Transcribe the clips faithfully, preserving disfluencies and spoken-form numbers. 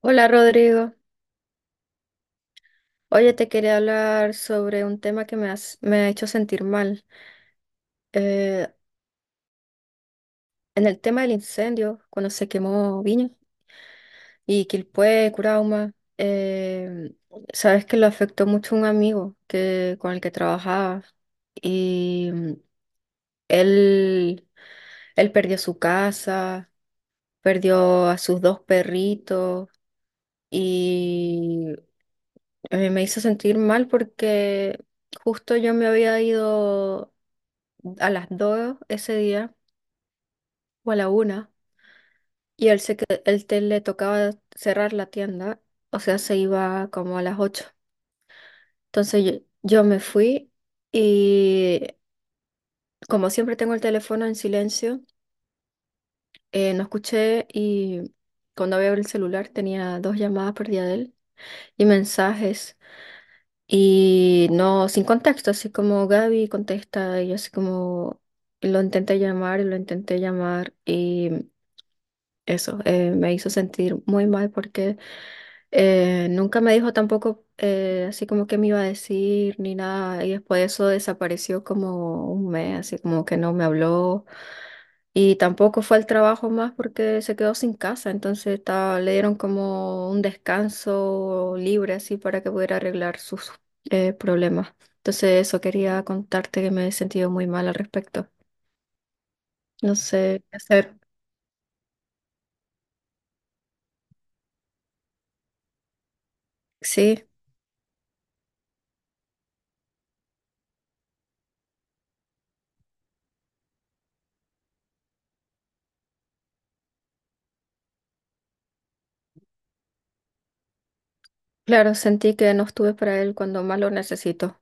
Hola Rodrigo, oye, te quería hablar sobre un tema que me, has- me ha hecho sentir mal. Eh, en el tema del incendio, cuando se quemó Viña y Quilpué, Curauma, eh, sabes que lo afectó mucho un amigo que, con el que trabajaba y mm, él, él perdió su casa, perdió a sus dos perritos y eh, me hizo sentir mal porque justo yo me había ido a las dos ese día o a la una, y él se que él te- le tocaba cerrar la tienda, o sea, se iba como a las ocho. Entonces yo, yo me fui y, como siempre tengo el teléfono en silencio, eh, no escuché, y cuando abrí el celular tenía dos llamadas perdidas de él y mensajes. Y no, sin contexto, así como "Gaby, contesta", y yo así como lo intenté llamar y lo intenté llamar, y eso eh, me hizo sentir muy mal porque eh, nunca me dijo tampoco, eh, así como que me iba a decir ni nada, y después eso desapareció como un mes, así como que no me habló. Y tampoco fue al trabajo más porque se quedó sin casa, entonces estaba- le dieron como un descanso libre, así para que pudiera arreglar sus eh, problemas. Entonces eso quería contarte, que me he sentido muy mal al respecto. No sé qué hacer. Sí, claro, sentí que no estuve para él cuando más lo necesito.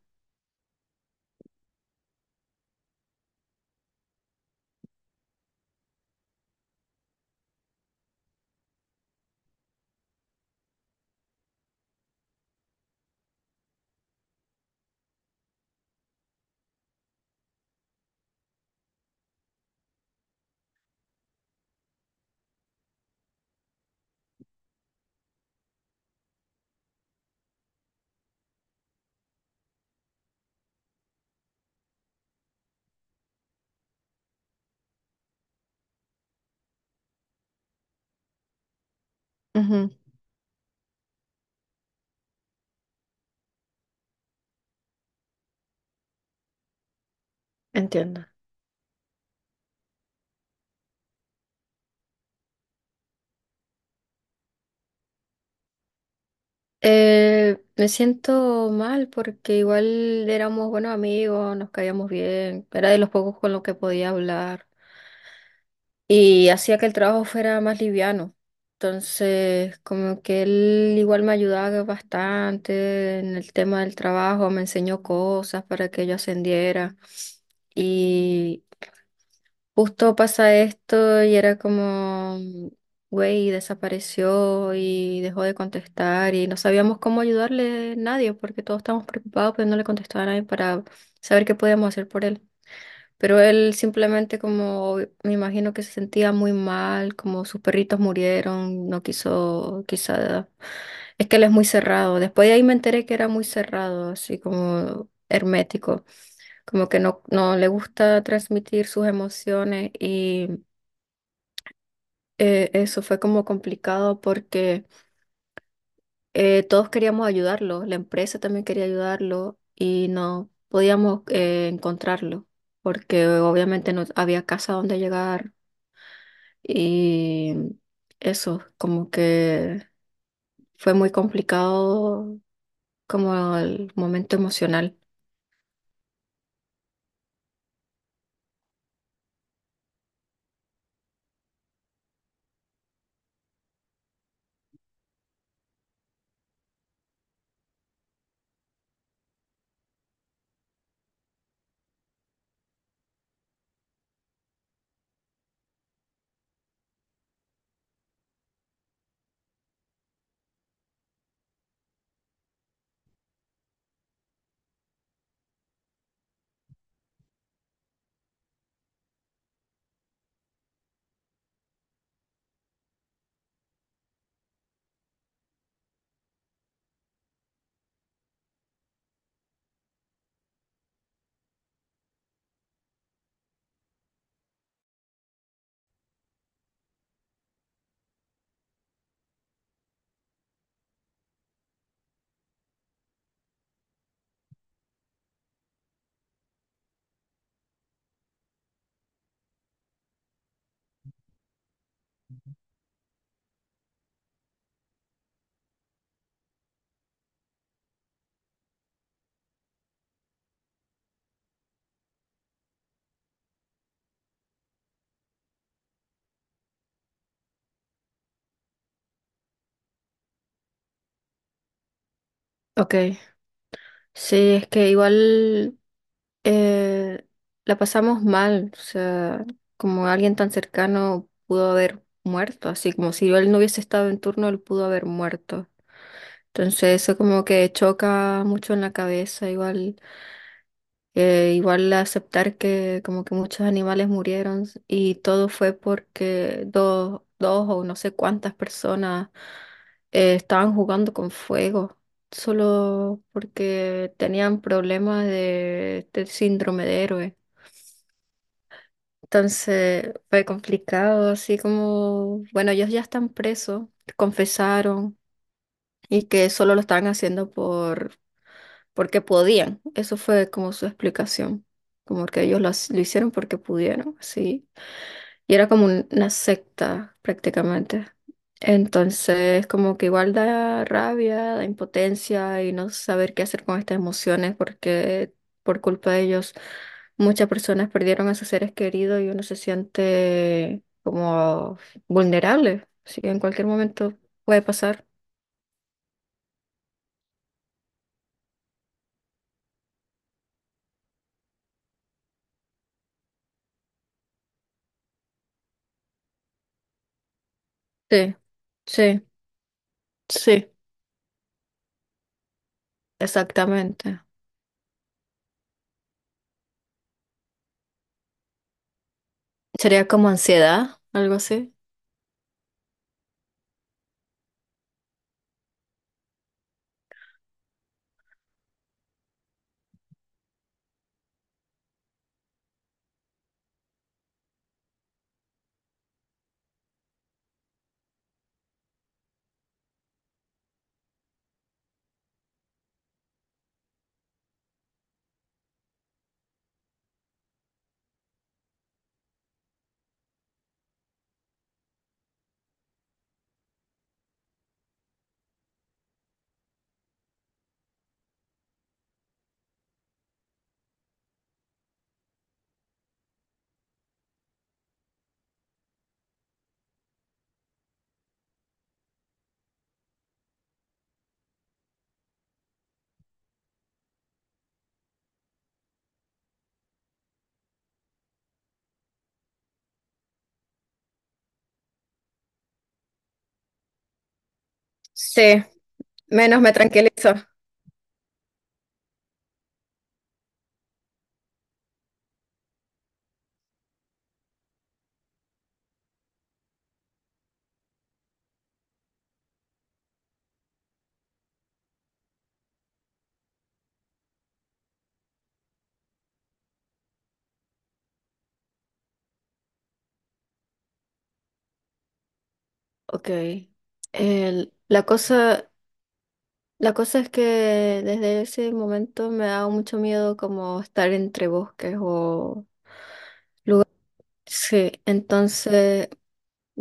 Ujú. Entiendo. Eh, me siento mal porque igual éramos buenos amigos, nos caíamos bien, era de los pocos con los que podía hablar, y hacía que el trabajo fuera más liviano. Entonces, como que él igual me ayudaba bastante en el tema del trabajo, me enseñó cosas para que yo ascendiera. Y justo pasa esto y era como, güey, desapareció y dejó de contestar y no sabíamos cómo ayudarle nadie, porque todos estábamos preocupados, pero no le contestaba a nadie para saber qué podíamos hacer por él. Pero él simplemente, como, me imagino que se sentía muy mal, como sus perritos murieron, no quiso, quizá, es que él es muy cerrado. Después de ahí me enteré que era muy cerrado, así como hermético, como que no, no le gusta transmitir sus emociones, y eh, eso fue como complicado porque eh, todos queríamos ayudarlo, la empresa también quería ayudarlo y no podíamos eh, encontrarlo porque obviamente no había casa donde llegar. Y eso, como que fue muy complicado como el momento emocional. Ok, sí, es que igual eh, la pasamos mal, o sea, como alguien tan cercano pudo haber muerto, así como si él no hubiese estado en turno, él pudo haber muerto. Entonces eso como que choca mucho en la cabeza, igual. Eh, igual aceptar que como que muchos animales murieron, y todo fue porque dos, dos o no sé cuántas personas eh, estaban jugando con fuego, solo porque tenían problemas de, de síndrome de héroe. Entonces fue complicado, así como, bueno, ellos ya están presos, confesaron, y que solo lo estaban haciendo porque podían. Eso fue como su explicación, como que ellos lo hac- lo hicieron porque pudieron, sí. Y era como un- una secta prácticamente. Entonces, como que igual da rabia, da impotencia, y no saber qué hacer con estas emociones porque por culpa de ellos muchas personas perdieron a sus seres queridos, y uno se siente como vulnerable. Sí, en cualquier momento puede pasar. Sí, sí, sí, exactamente. Sería como ansiedad, algo así. Sí, menos me tranquilizo. Ok. El- la cosa, la cosa es que desde ese momento me da mucho miedo como estar entre bosques o... Sí, entonces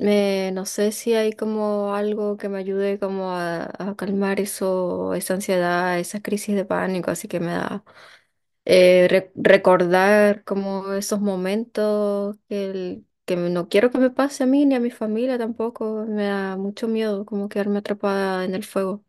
Eh, no sé si hay como algo que me ayude como a, a calmar eso, esa ansiedad, esas crisis de pánico, así que me da eh, re- recordar como esos momentos, que, el- que no quiero que me pase a mí ni a mi familia tampoco, me da mucho miedo como quedarme atrapada en el fuego.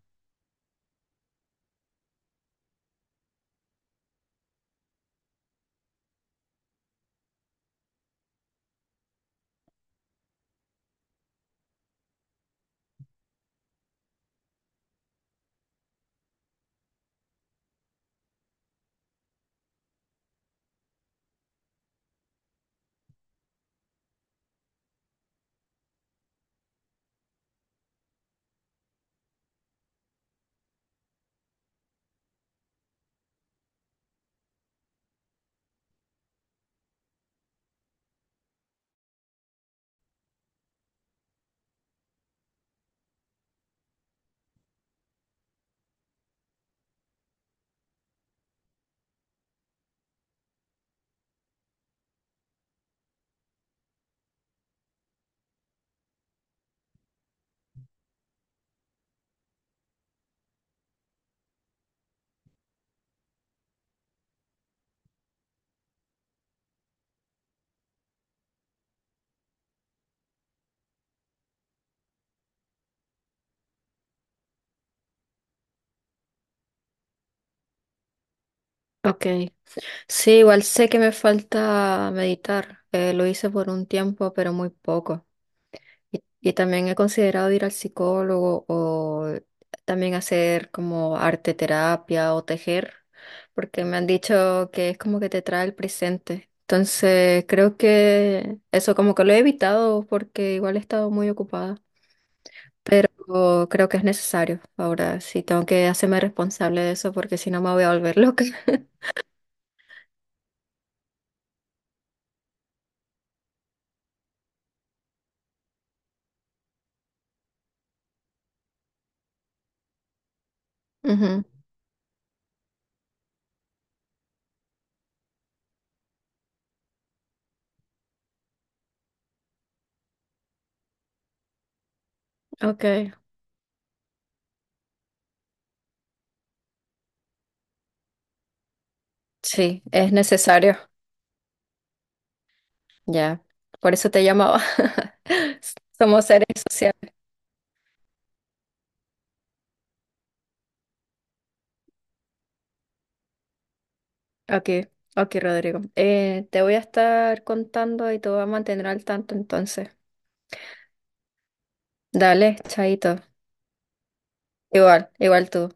Ok. Sí, igual sé que me falta meditar, eh, lo hice por un tiempo, pero muy poco. Y, y también he considerado ir al psicólogo, o también hacer como arte terapia o tejer, porque me han dicho que es como que te trae el presente. Entonces, creo que eso como que lo he evitado porque igual he estado muy ocupada, pero creo que es necesario. Ahora sí tengo que hacerme responsable de eso porque si no me voy a volver loca. Ujú. Ok, sí, es necesario, ya. Por eso te llamaba. Somos seres sociales. Ok, ok, Rodrigo. Eh, te voy a estar contando y te voy a mantener al tanto entonces. Dale, chaito. Igual, igual tú.